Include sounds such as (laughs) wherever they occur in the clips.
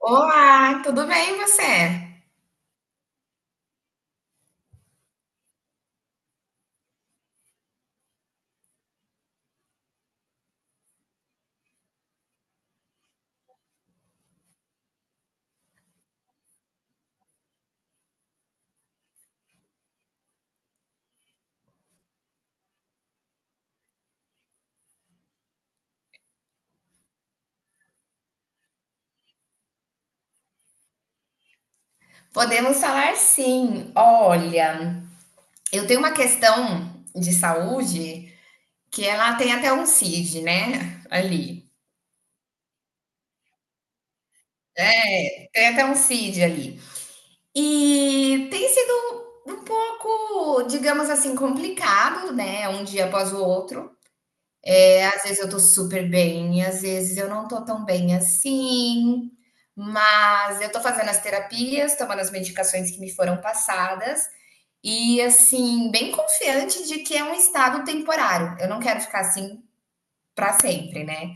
Olá, tudo bem você? Podemos falar sim. Olha, eu tenho uma questão de saúde que ela tem até um CID, né, ali. É, tem até um CID ali. E tem sido um pouco, digamos assim, complicado, né, um dia após o outro. É, às vezes eu tô super bem, às vezes eu não tô tão bem assim, mas eu tô fazendo as terapias, tomando as medicações que me foram passadas. E assim, bem confiante de que é um estado temporário. Eu não quero ficar assim para sempre, né?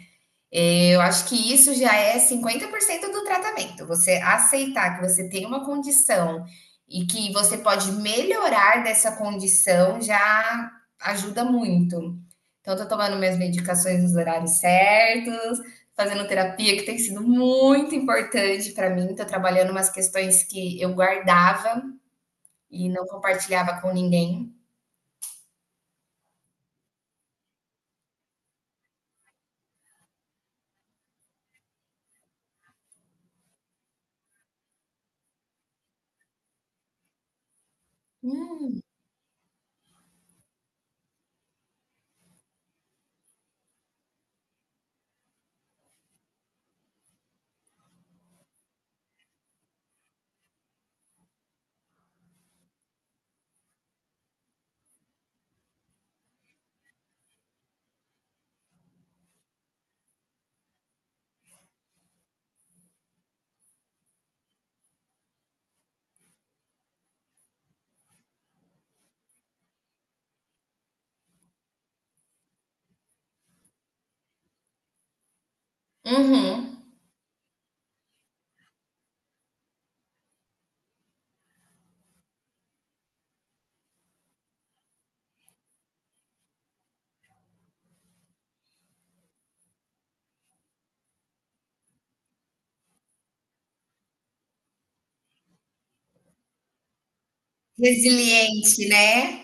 Eu acho que isso já é 50% do tratamento. Você aceitar que você tem uma condição e que você pode melhorar dessa condição já ajuda muito. Então, tô tomando minhas medicações nos horários certos, fazendo terapia, que tem sido muito importante para mim. Tô trabalhando umas questões que eu guardava e não compartilhava com ninguém. Hum, uhum. Resiliente, né?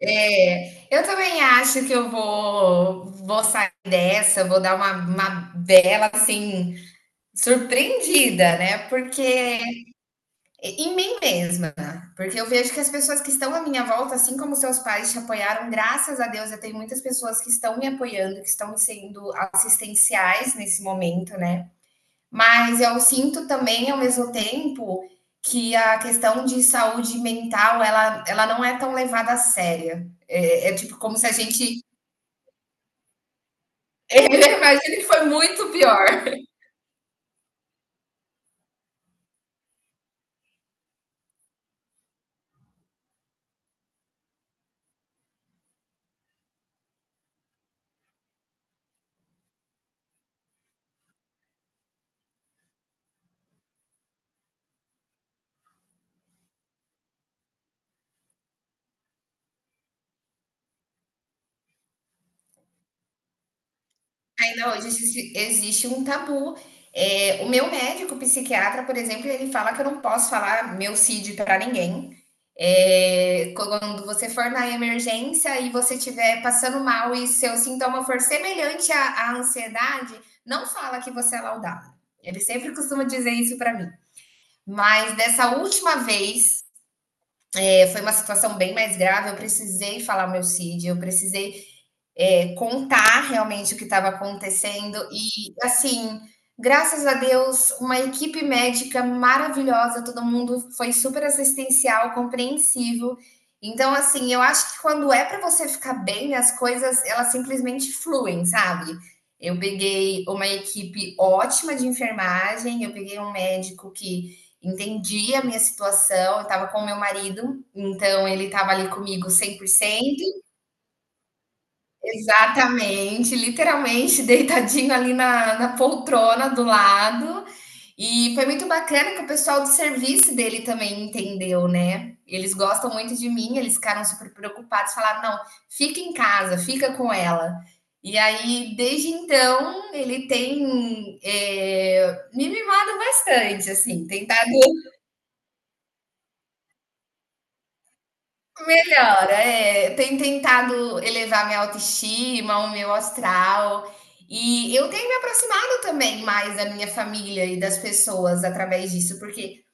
É, eu também acho que eu vou sair dessa, vou dar uma bela, assim, surpreendida, né, porque em mim mesma, né? Porque eu vejo que as pessoas que estão à minha volta, assim como seus pais te apoiaram, graças a Deus, eu tenho muitas pessoas que estão me apoiando, que estão sendo assistenciais nesse momento, né. Mas eu sinto também, ao mesmo tempo, que a questão de saúde mental, ela não é tão levada a séria. É, é tipo como se a gente... (laughs) Imagina que foi muito pior. Ainda hoje existe um tabu. O meu médico psiquiatra, por exemplo, ele fala que eu não posso falar meu CID para ninguém. Quando você for na emergência e você estiver passando mal e seu sintoma for semelhante à ansiedade, não fala que você é laudada. Ele sempre costuma dizer isso para mim. Mas dessa última vez, foi uma situação bem mais grave, eu precisei falar meu CID, eu precisei contar realmente o que estava acontecendo e, assim, graças a Deus, uma equipe médica maravilhosa, todo mundo foi super assistencial, compreensivo. Então, assim, eu acho que quando é para você ficar bem, as coisas, elas simplesmente fluem, sabe? Eu peguei uma equipe ótima de enfermagem, eu peguei um médico que entendia a minha situação, eu estava com o meu marido, então ele estava ali comigo 100%. Exatamente, literalmente (laughs) deitadinho ali na poltrona do lado. E foi muito bacana que o pessoal do serviço dele também entendeu, né? Eles gostam muito de mim, eles ficaram super preocupados, falaram: não, fica em casa, fica com ela. E aí, desde então, ele tem me mimado bastante, assim, tentado. Melhora, é. Tenho tentado elevar minha autoestima, o meu astral. E eu tenho me aproximado também mais da minha família e das pessoas através disso, porque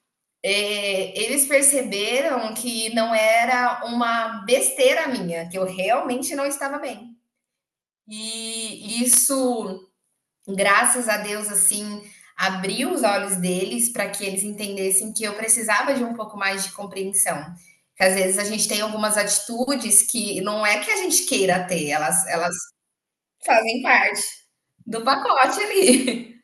eles perceberam que não era uma besteira minha, que eu realmente não estava bem. E isso, graças a Deus, assim, abriu os olhos deles para que eles entendessem que eu precisava de um pouco mais de compreensão. Que às vezes a gente tem algumas atitudes que não é que a gente queira ter, elas fazem parte do pacote ali.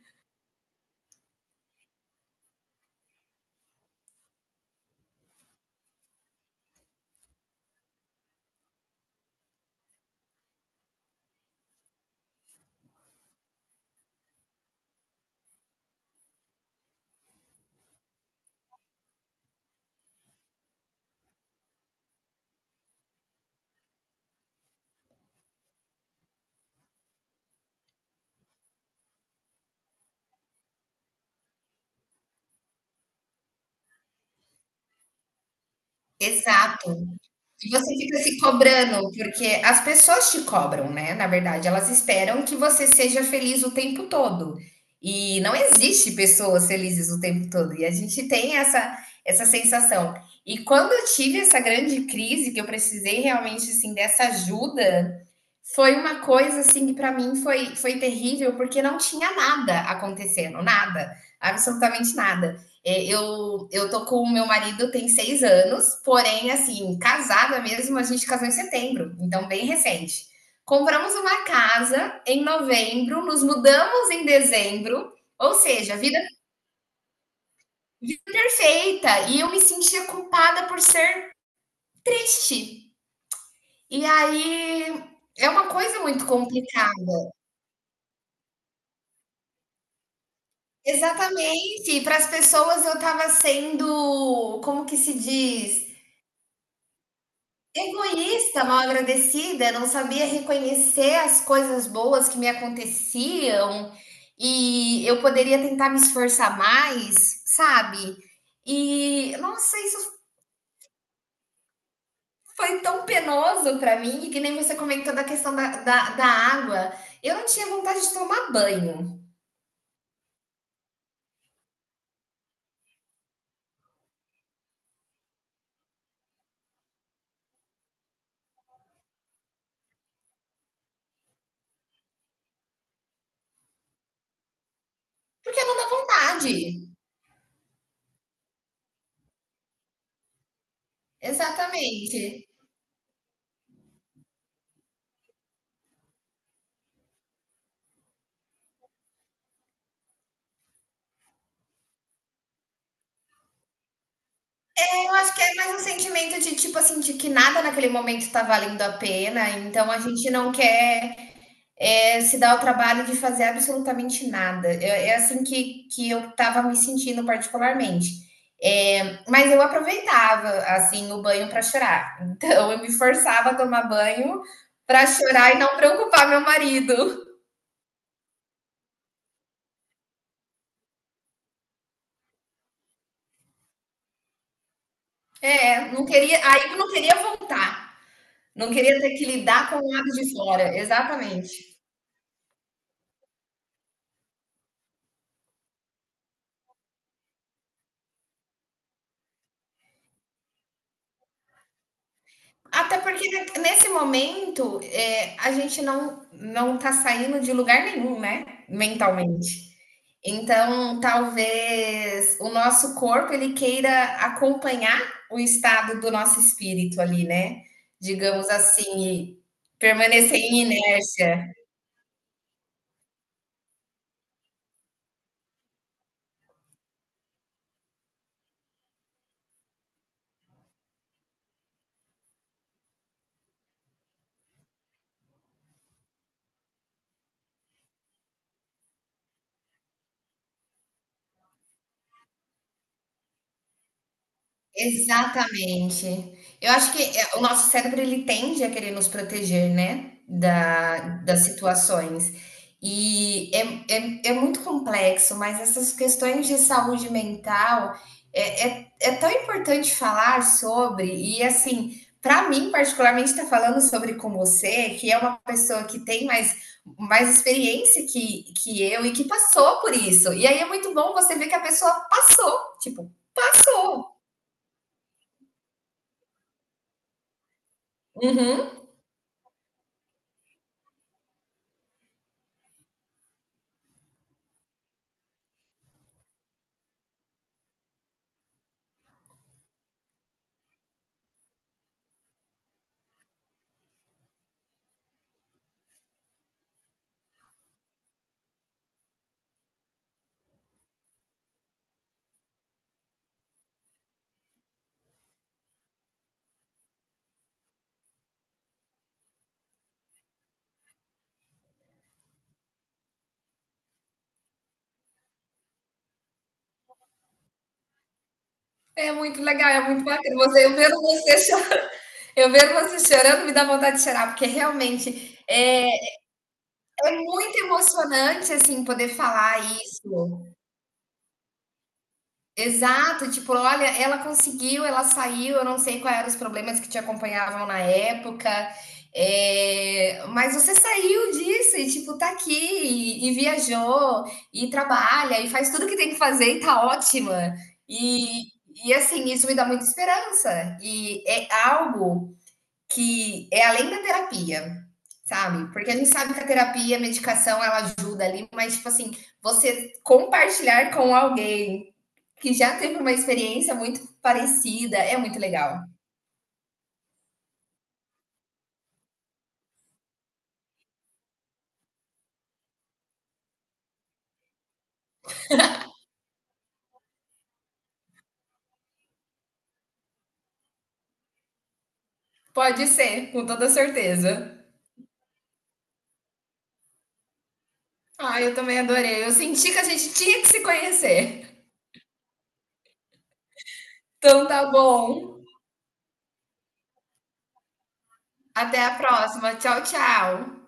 (laughs) Exato. E você fica se cobrando, porque as pessoas te cobram, né, na verdade, elas esperam que você seja feliz o tempo todo. E não existe pessoas felizes o tempo todo, e a gente tem essa sensação. E quando eu tive essa grande crise que eu precisei realmente, assim, dessa ajuda, foi uma coisa, assim, que para mim foi terrível, porque não tinha nada acontecendo, nada, absolutamente nada. É, eu tô com o meu marido tem 6 anos, porém, assim, casada mesmo, a gente casou em setembro, então bem recente. Compramos uma casa em novembro, nos mudamos em dezembro, ou seja, vida, perfeita. E eu me sentia culpada por ser triste. E aí é uma coisa muito complicada. Exatamente. Para as pessoas eu tava sendo, como que se diz? Egoísta, mal agradecida, não sabia reconhecer as coisas boas que me aconteciam e eu poderia tentar me esforçar mais, sabe? E nossa, isso foi tão penoso para mim, que nem você comentou da questão da água. Eu não tinha vontade de tomar banho, porque não dá vontade. Exatamente. É, eu acho que é mais um sentimento de tipo assim, de que nada naquele momento tá valendo a pena, então a gente não quer se dá o trabalho de fazer absolutamente nada. É, é assim que eu estava me sentindo particularmente. É, mas eu aproveitava assim o banho para chorar. (laughs) Então eu me forçava a tomar banho para chorar e não preocupar meu marido. É, não queria, aí eu não queria voltar. Não queria ter que lidar com o lado de fora, exatamente. Até porque nesse momento a gente não tá saindo de lugar nenhum, né? Mentalmente. Então, talvez o nosso corpo ele queira acompanhar o estado do nosso espírito ali, né, digamos assim, e permanecer em inércia. Exatamente. Eu acho que, o nosso cérebro ele tende a querer nos proteger, né, da das situações. E é muito complexo, mas essas questões de saúde mental é tão importante falar sobre e, assim, para mim particularmente estar falando sobre com você, que é uma pessoa que tem mais experiência que eu e que passou por isso. E aí é muito bom você ver que a pessoa passou, tipo, passou. Uhum. É muito legal, é muito bacana. Você, eu, vendo você chorando, eu vendo você chorando me dá vontade de chorar, porque realmente é muito emocionante assim poder falar isso. Exato, tipo, olha, ela conseguiu, ela saiu, eu não sei quais eram os problemas que te acompanhavam na época, é, mas você saiu disso e, tipo, tá aqui e viajou e trabalha e faz tudo que tem que fazer e tá ótima. E, e assim, isso me dá muita esperança. E é algo que é além da terapia, sabe? Porque a gente sabe que a terapia, a medicação, ela ajuda ali, mas, tipo assim, você compartilhar com alguém que já teve uma experiência muito parecida é muito legal. Pode ser, com toda certeza. Ah, eu também adorei. Eu senti que a gente tinha que se conhecer. Então tá bom. Até a próxima. Tchau, tchau.